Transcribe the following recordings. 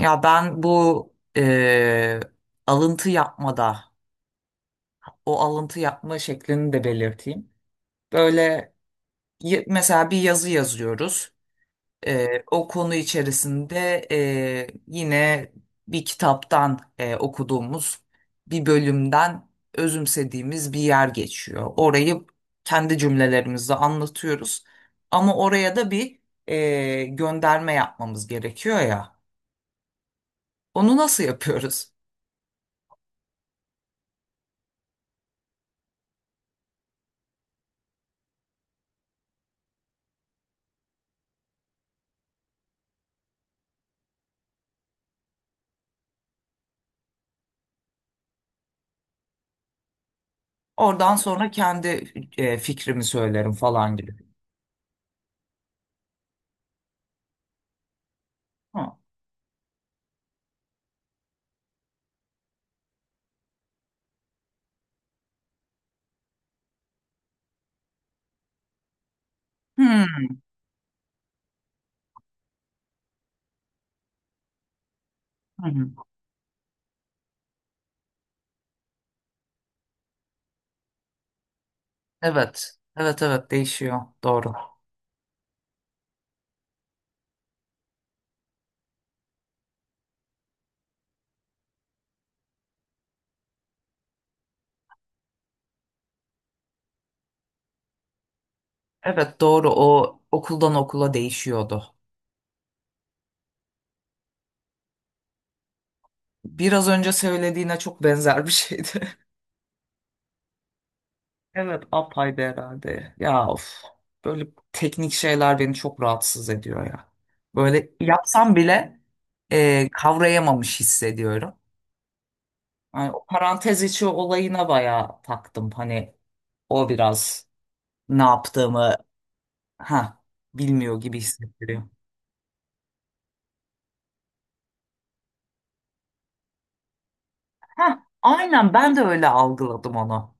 Ya ben bu alıntı yapmada, o alıntı yapma şeklini de belirteyim. Böyle mesela bir yazı yazıyoruz. O konu içerisinde yine bir kitaptan okuduğumuz bir bölümden özümsediğimiz bir yer geçiyor. Orayı kendi cümlelerimizle anlatıyoruz. Ama oraya da bir gönderme yapmamız gerekiyor ya. Onu nasıl yapıyoruz? Oradan sonra kendi fikrimi söylerim falan gibi. Hı. Hmm. Hı hı. Evet. Evet evet, değişiyor. Doğru. Evet, doğru, o okuldan okula değişiyordu. Biraz önce söylediğine çok benzer bir şeydi. Evet, apayrı herhalde. Ya of. Böyle teknik şeyler beni çok rahatsız ediyor ya. Böyle yapsam bile kavrayamamış hissediyorum. Yani o parantez içi olayına bayağı taktım. Hani o biraz ne yaptığımı ha bilmiyor gibi hissettiriyor. Ha aynen, ben de öyle algıladım onu.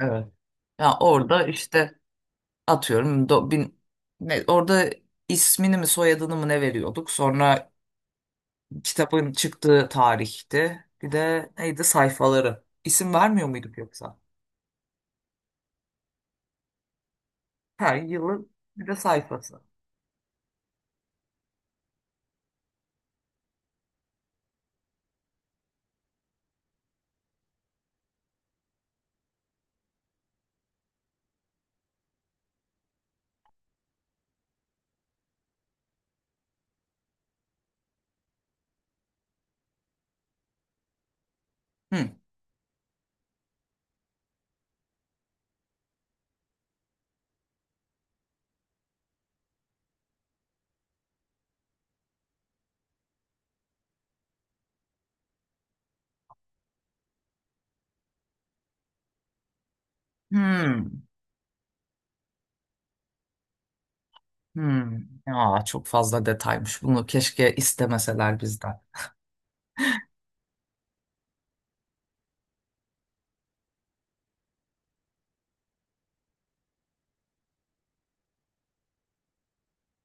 Evet. Ya orada işte atıyorum do, bin, ne, orada ismini mi soyadını mı ne veriyorduk? Sonra kitabın çıktığı tarihte bir de neydi sayfaları. İsim vermiyor muyduk yoksa? Her yılın bir de sayfası. Hmm. Hmm. Hmm. Aa, çok fazla detaymış. Bunu keşke istemeseler bizden.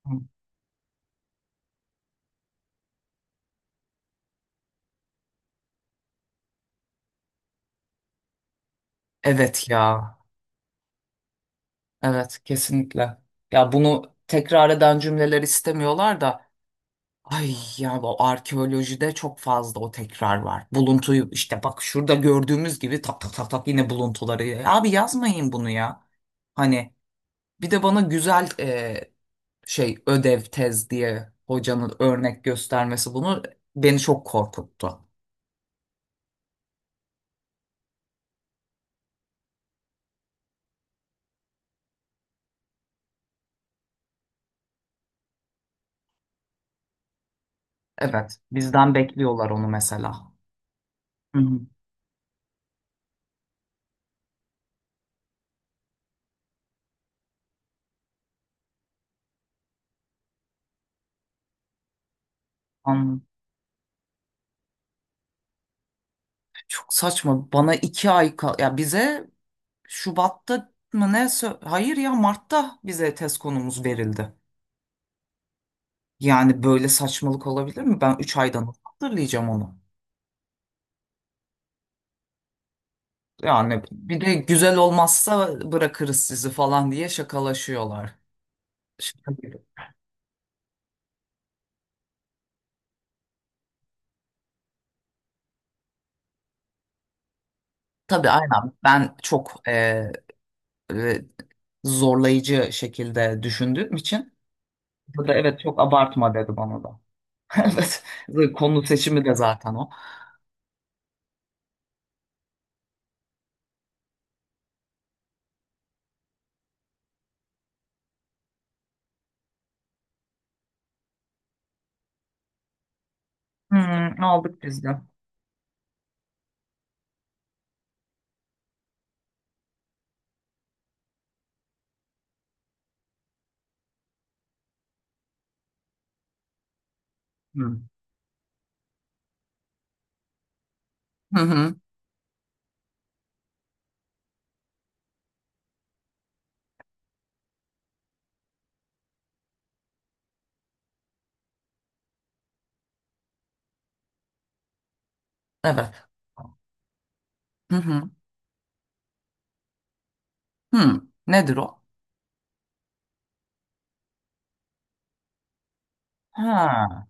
Hmm. Evet ya. Evet, kesinlikle. Ya bunu tekrar eden cümleler istemiyorlar da ay ya, bu arkeolojide çok fazla o tekrar var. Buluntuyu işte bak şurada gördüğümüz gibi tak tak tak tak yine buluntuları. Abi yazmayın bunu ya. Hani bir de bana güzel şey, ödev tez diye hocanın örnek göstermesi bunu beni çok korkuttu. Evet, bizden bekliyorlar onu mesela. Hı hı. Anladım. Çok saçma. Bana iki ay kal ya, bize Şubat'ta mı ne? Hayır ya, Mart'ta bize test konumuz verildi. Yani böyle saçmalık olabilir mi? Ben 3 aydan nasıl hatırlayacağım onu. Yani bir de güzel olmazsa bırakırız sizi falan diye şakalaşıyorlar. Şaka gibi. Tabii aynen, ben çok e, zorlayıcı şekilde düşündüğüm için burada evet çok abartma, dedi bana da. Evet, konu seçimi de zaten o. Hmm, aldık biz de. Hmm. Hı hı. Evet. Hı hı. Hmm, nedir o? Ha.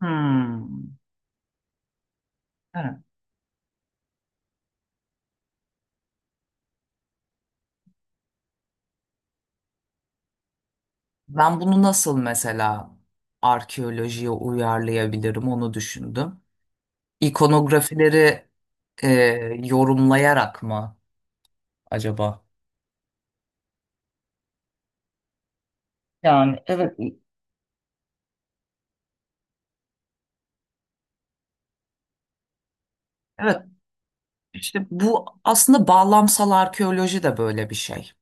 Hmm. Evet. Ben bunu nasıl mesela arkeolojiye uyarlayabilirim onu düşündüm. İkonografileri e, yorumlayarak mı acaba? Yani evet, evet, işte bu aslında bağlamsal arkeoloji de böyle bir şey.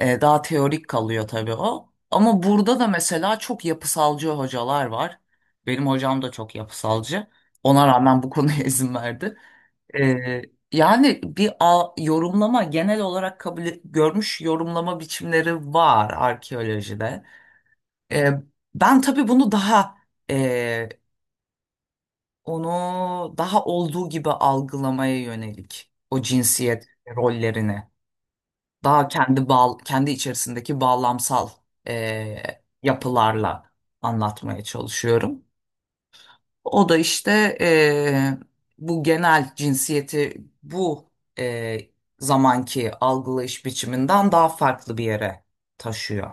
Daha teorik kalıyor tabii o. Ama burada da mesela çok yapısalcı hocalar var. Benim hocam da çok yapısalcı. Ona rağmen bu konuya izin verdi. Ee, yani bir yorumlama genel olarak görmüş yorumlama biçimleri var arkeolojide. Ee, ben tabii bunu daha e, onu daha olduğu gibi algılamaya yönelik o cinsiyet rollerini daha kendi kendi içerisindeki bağlamsal e, yapılarla anlatmaya çalışıyorum. O da işte bu genel cinsiyeti bu eee, zamanki algılayış biçiminden daha farklı bir yere taşıyor.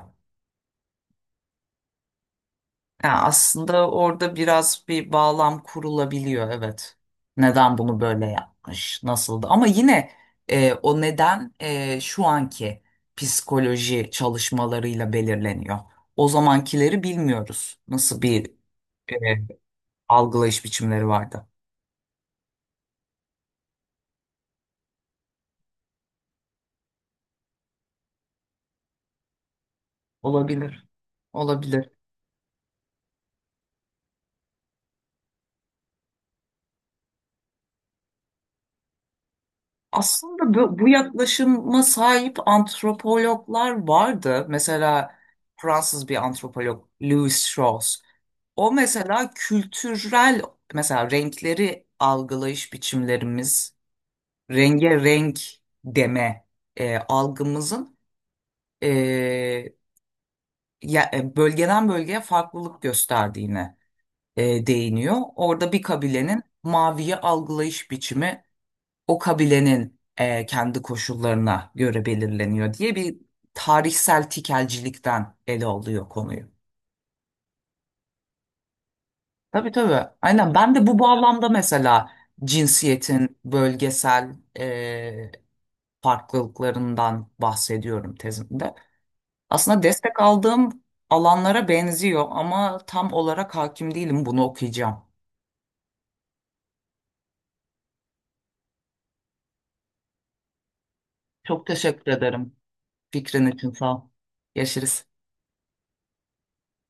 Yani aslında orada biraz bir bağlam kurulabiliyor, evet. Neden bunu böyle yapmış, nasıldı? Ama yine o neden şu anki psikoloji çalışmalarıyla belirleniyor. O zamankileri bilmiyoruz. Nasıl bir eee, algılayış biçimleri vardı? Olabilir. Olabilir. Aslında bu yaklaşıma sahip antropologlar vardı. Mesela Fransız bir antropolog Louis Strauss. O mesela kültürel mesela renkleri algılayış biçimlerimiz, renge renk deme algımızın e, bölgeden bölgeye farklılık gösterdiğine değiniyor. Orada bir kabilenin maviyi algılayış biçimi o kabilenin kendi koşullarına göre belirleniyor diye bir tarihsel tikelcilikten ele alıyor konuyu. Tabii tabii. Aynen. Ben de bu bağlamda mesela cinsiyetin bölgesel farklılıklarından bahsediyorum tezimde. Aslında destek aldığım alanlara benziyor ama tam olarak hakim değilim. Bunu okuyacağım. Çok teşekkür ederim. Fikrin için sağ ol. Görüşürüz.